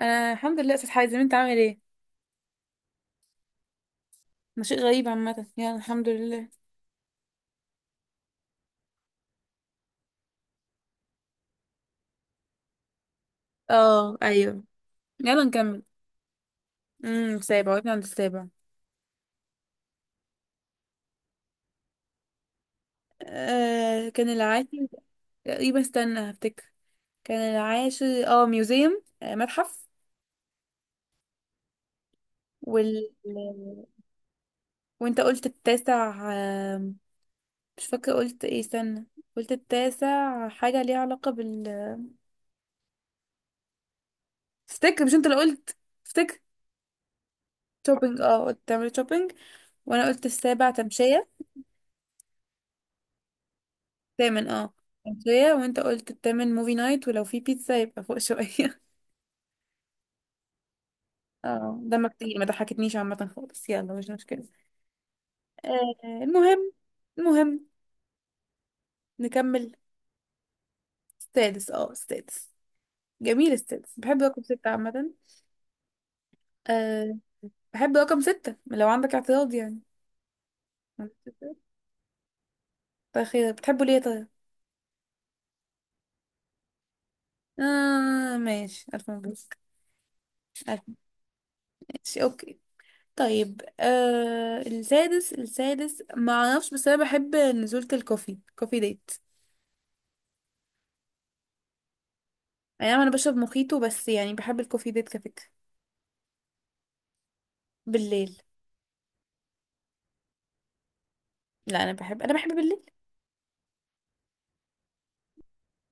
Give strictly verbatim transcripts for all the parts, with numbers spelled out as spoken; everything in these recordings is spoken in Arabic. آه، الحمد لله يا استاذ حازم، انت عامل ايه؟ ده شيء غريب عامه، يعني الحمد لله. اه، ايوه. يلا نكمل. امم سابع، وقفنا عند السابع. آه، كان العاشر. تقريبا، استنى هفتكر. كان العاشر، اه ميوزيوم، آه متحف. وال وانت قلت التاسع، آه مش فاكره قلت ايه، استنى. قلت التاسع، حاجه ليها علاقه بال افتكر، مش انت اللي قلت؟ افتكر. شوبينج، اه قلت تعمل شوبينج. وانا قلت السابع تمشية. تامن، اه. تمشية، وانت قلت التامن موفي نايت، ولو في بيتزا يبقى فوق شوية. اه، دمك تقيل، ما ضحكتنيش عامة خالص، يلا مش مشكلة. آه المهم المهم نكمل. سادس اه سادس. جميل، سادس. بحب رقم ستة عامة. آه. بحب رقم ستة، لو عندك اعتراض يعني. عندك اعتراض؟ طيب، خير، بتحبه ليه طيب؟ اه، ماشي، ألف مبروك. ألف. ماشي، اوكي. طيب، آه السادس السادس ما اعرفش، بس انا بحب نزولة الكوفي كوفي ديت. اي نعم، انا بشرب موخيتو، بس يعني بحب الكوفي ديت كفكرة. بالليل. لا، انا بحب انا بحب بالليل.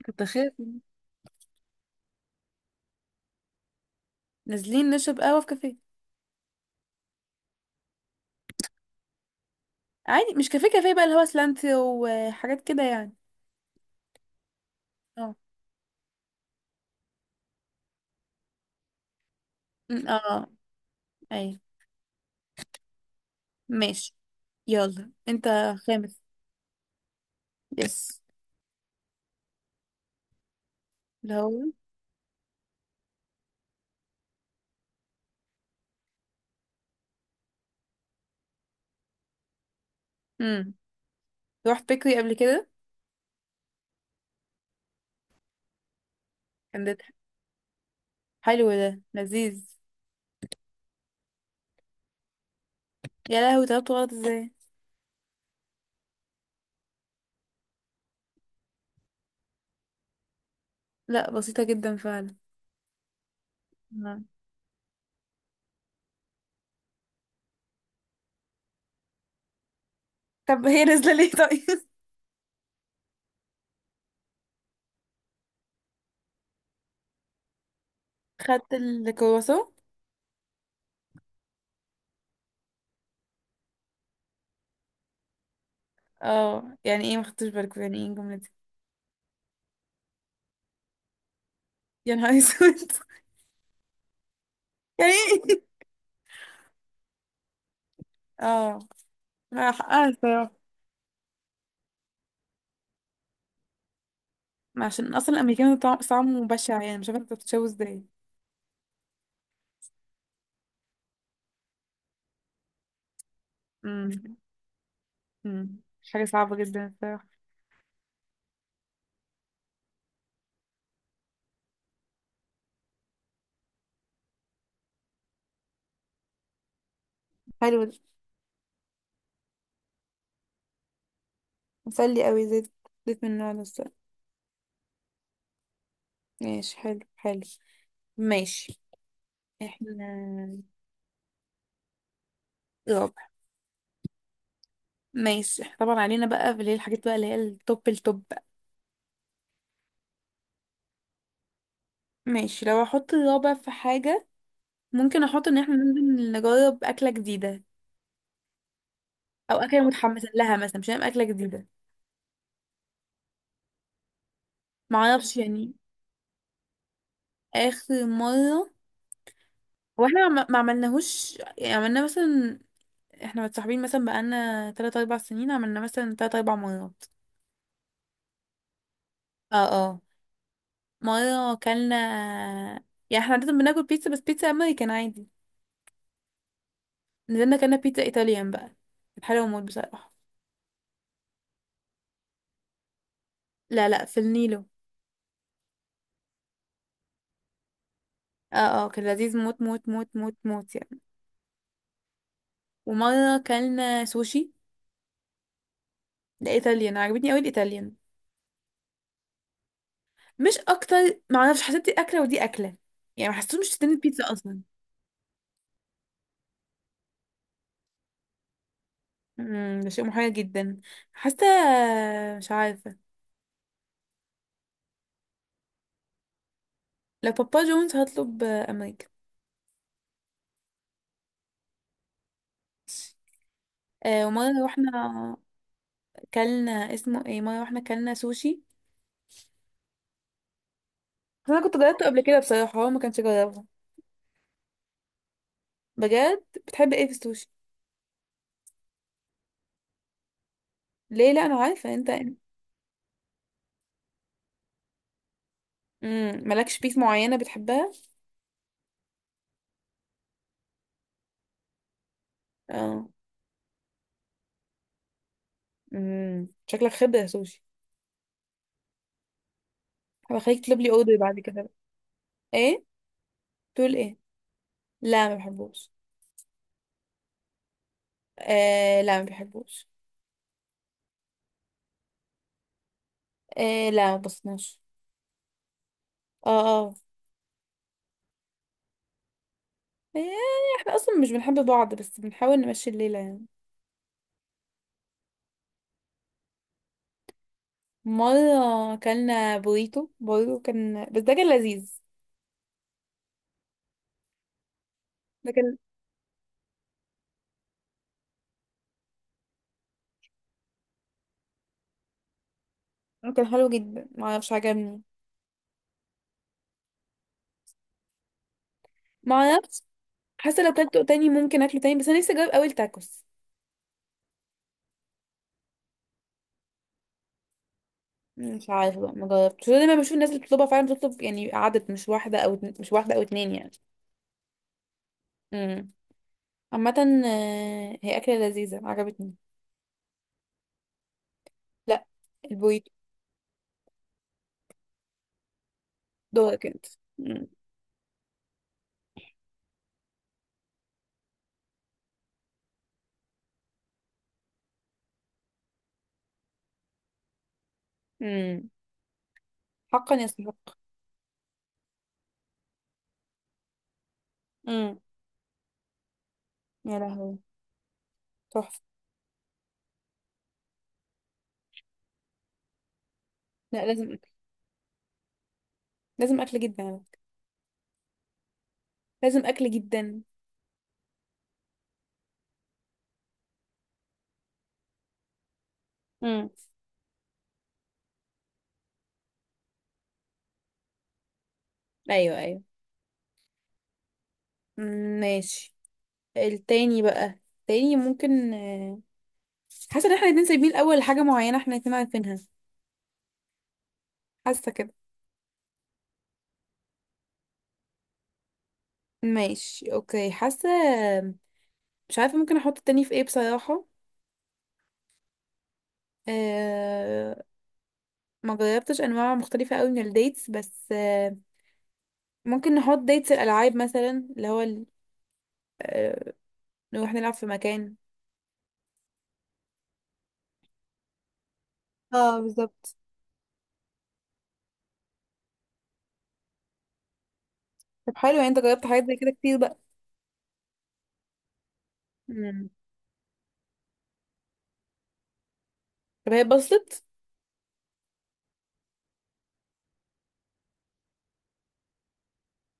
كنت خايف. نازلين نشرب قهوة في كافيه. عادي، مش كافيه كافيه بقى، اللي هو سلانتي وحاجات كده يعني. اه، م- اه. اي. ماشي. يلا انت. خامس. يس. اللي هو امم رحت بيكري قبل كده؟ كان ده حلو، ده لذيذ. يا لهوي، طلبت غلط ازاي؟ لا، بسيطة جدا فعلا. آه. طب هي نازلة ليه طيب؟ خدت الكرواسون؟ اه، يعني ايه ما خدتش بالك؟ يعني ايه الجملة دي؟ يا نهار اسود! يعني ايه؟ اه. لا، حقها الصراحة. ما عشان اصلا الامريكان طع- طعمه بشع، يعني مش عارفة انت بتتشوه ازاي. امم. أمم. حاجة صعبة جدا الصراحة. حلو ده. مسلي قوي زيت، زيت من النوع ده الصراحة. ماشي، حلو حلو. ماشي. احنا رابع. ماشي، احنا طبعا علينا بقى اللي هي الحاجات بقى، اللي هي التوب التوب بقى. ماشي، لو احط الرابع في حاجة، ممكن احط ان احنا ننزل نجرب اكلة جديدة. او اكلة متحمسة لها مثلا، مش هنعمل اكلة جديدة. معرفش يعني. اخر مره. واحنا ما ما عملناهوش، يعني عملنا مثلا. احنا متصاحبين مثلا بقالنا ثلاث اربعة سنين، عملنا مثلا ثلاث اربع مرات. اه، اه. مره اكلنا. يعني احنا عاده بناكل بيتزا، بس بيتزا امريكان عادي. نزلنا اكلنا بيتزا ايطاليان بقى. كانت حلوه موت بصراحه. لا، لا، في النيلو. اه. اه، كان لذيذ، موت موت موت موت موت يعني. ومره اكلنا سوشي. ده ايطاليان، عجبتني قوي الايطاليان. مش اكتر. معرفش، حسيت دي اكله ودي اكله. يعني ما حسيتهمش الاتنين بيتزا اصلا. امم ده شيء محير جدا. حاسه. مش عارفه. لو بابا جونز هطلب، آه، امريكا. آه، ومره رحنا. كلنا اسمه ايه، مره رحنا كلنا سوشي. بس انا كنت جربته قبل كده بصراحه، هو ما كانش جربه. بجد، بتحب ايه في السوشي؟ ليه؟ لا، انا عارفه انت. امم مالكش بيس معينه بتحبها؟ اه. امم شكلك خبره سوشي. هبخليك تطلب لي اوردر بعد كده بقى. ايه؟ تقول ايه؟ لا، ما بحبوش. آه، لا، ما بحبوش. آه، لا، ما بصناش. اه، اه. يعني احنا اصلا مش بنحب بعض، بس بنحاول نمشي الليله يعني. مره اكلنا بوريتو برضه، كان بس ده كان لذيذ. ده كان كان حلو جدا، ما اعرفش عجبني. ما اعرفش. حاسه لو كلته تاني ممكن اكله تاني، بس انا نفسي اجرب اول تاكوس. مش عارفه بقى، ما جربتش، دايما بشوف الناس اللي بتطلبها فعلا بتطلب يعني عدد، مش واحده او اتن- مش واحده او اتنين يعني. امم. عامه. آه، هي اكله لذيذه عجبتني. لا. البوريتو. دورك انت. امم. أمم. حقا يستحق. امم. يا لهوي. تحفة. لا، لازم أكل. لازم أكل جدا على فكرة. لازم أكل جدا. امم. أيوه، أيوه. مم، ماشي. التاني بقى، التاني ممكن، آه، حاسة إن احنا الاتنين سايبين الأول حاجة معينة، احنا الاتنين عارفينها. حاسة كده. ماشي، أوكي، حاسة. مش عارفة ممكن أحط التاني في ايه بصراحة. أه... ما جربتش أنواع مختلفة أوي من الديتس، بس أه... ممكن نحط ديتس الألعاب مثلا، اللي هو ال... أه... نروح نلعب في مكان. اه، بالظبط. طب، حلو، يعني انت جربت حاجات زي كده كتير بقى. مم. طب هي اتبسطت؟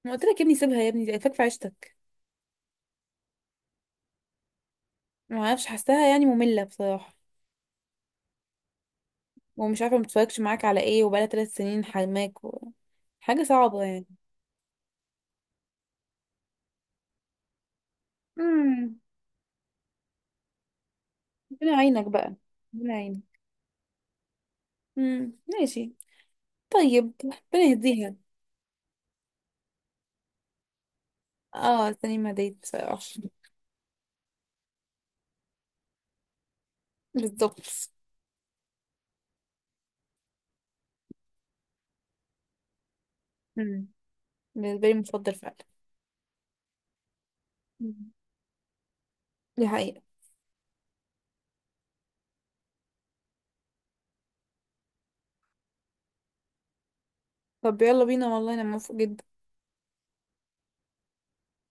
ما قلت لك يا ابني، سيبها يا ابني، دي فاك في عيشتك. ما اعرفش، حاساها يعني ممله بصراحه. ومش عارفه متفرجش معاك على ايه، وبقالها ثلاث سنين حرماك و... حاجه صعبه يعني. امم ربنا يعينك بقى. ربنا يعينك. امم ماشي. طيب، ربنا يهديها. اه، سليم هديت بصراحه. بالظبط. امم بالنسبه لي مفضل فعلا. مم. دي حقيقه. طب، يلا بينا، والله انا موافقه جدا.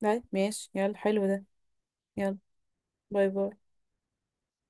طيب، ماشي، يلا حلو ده. يلا. باي باي.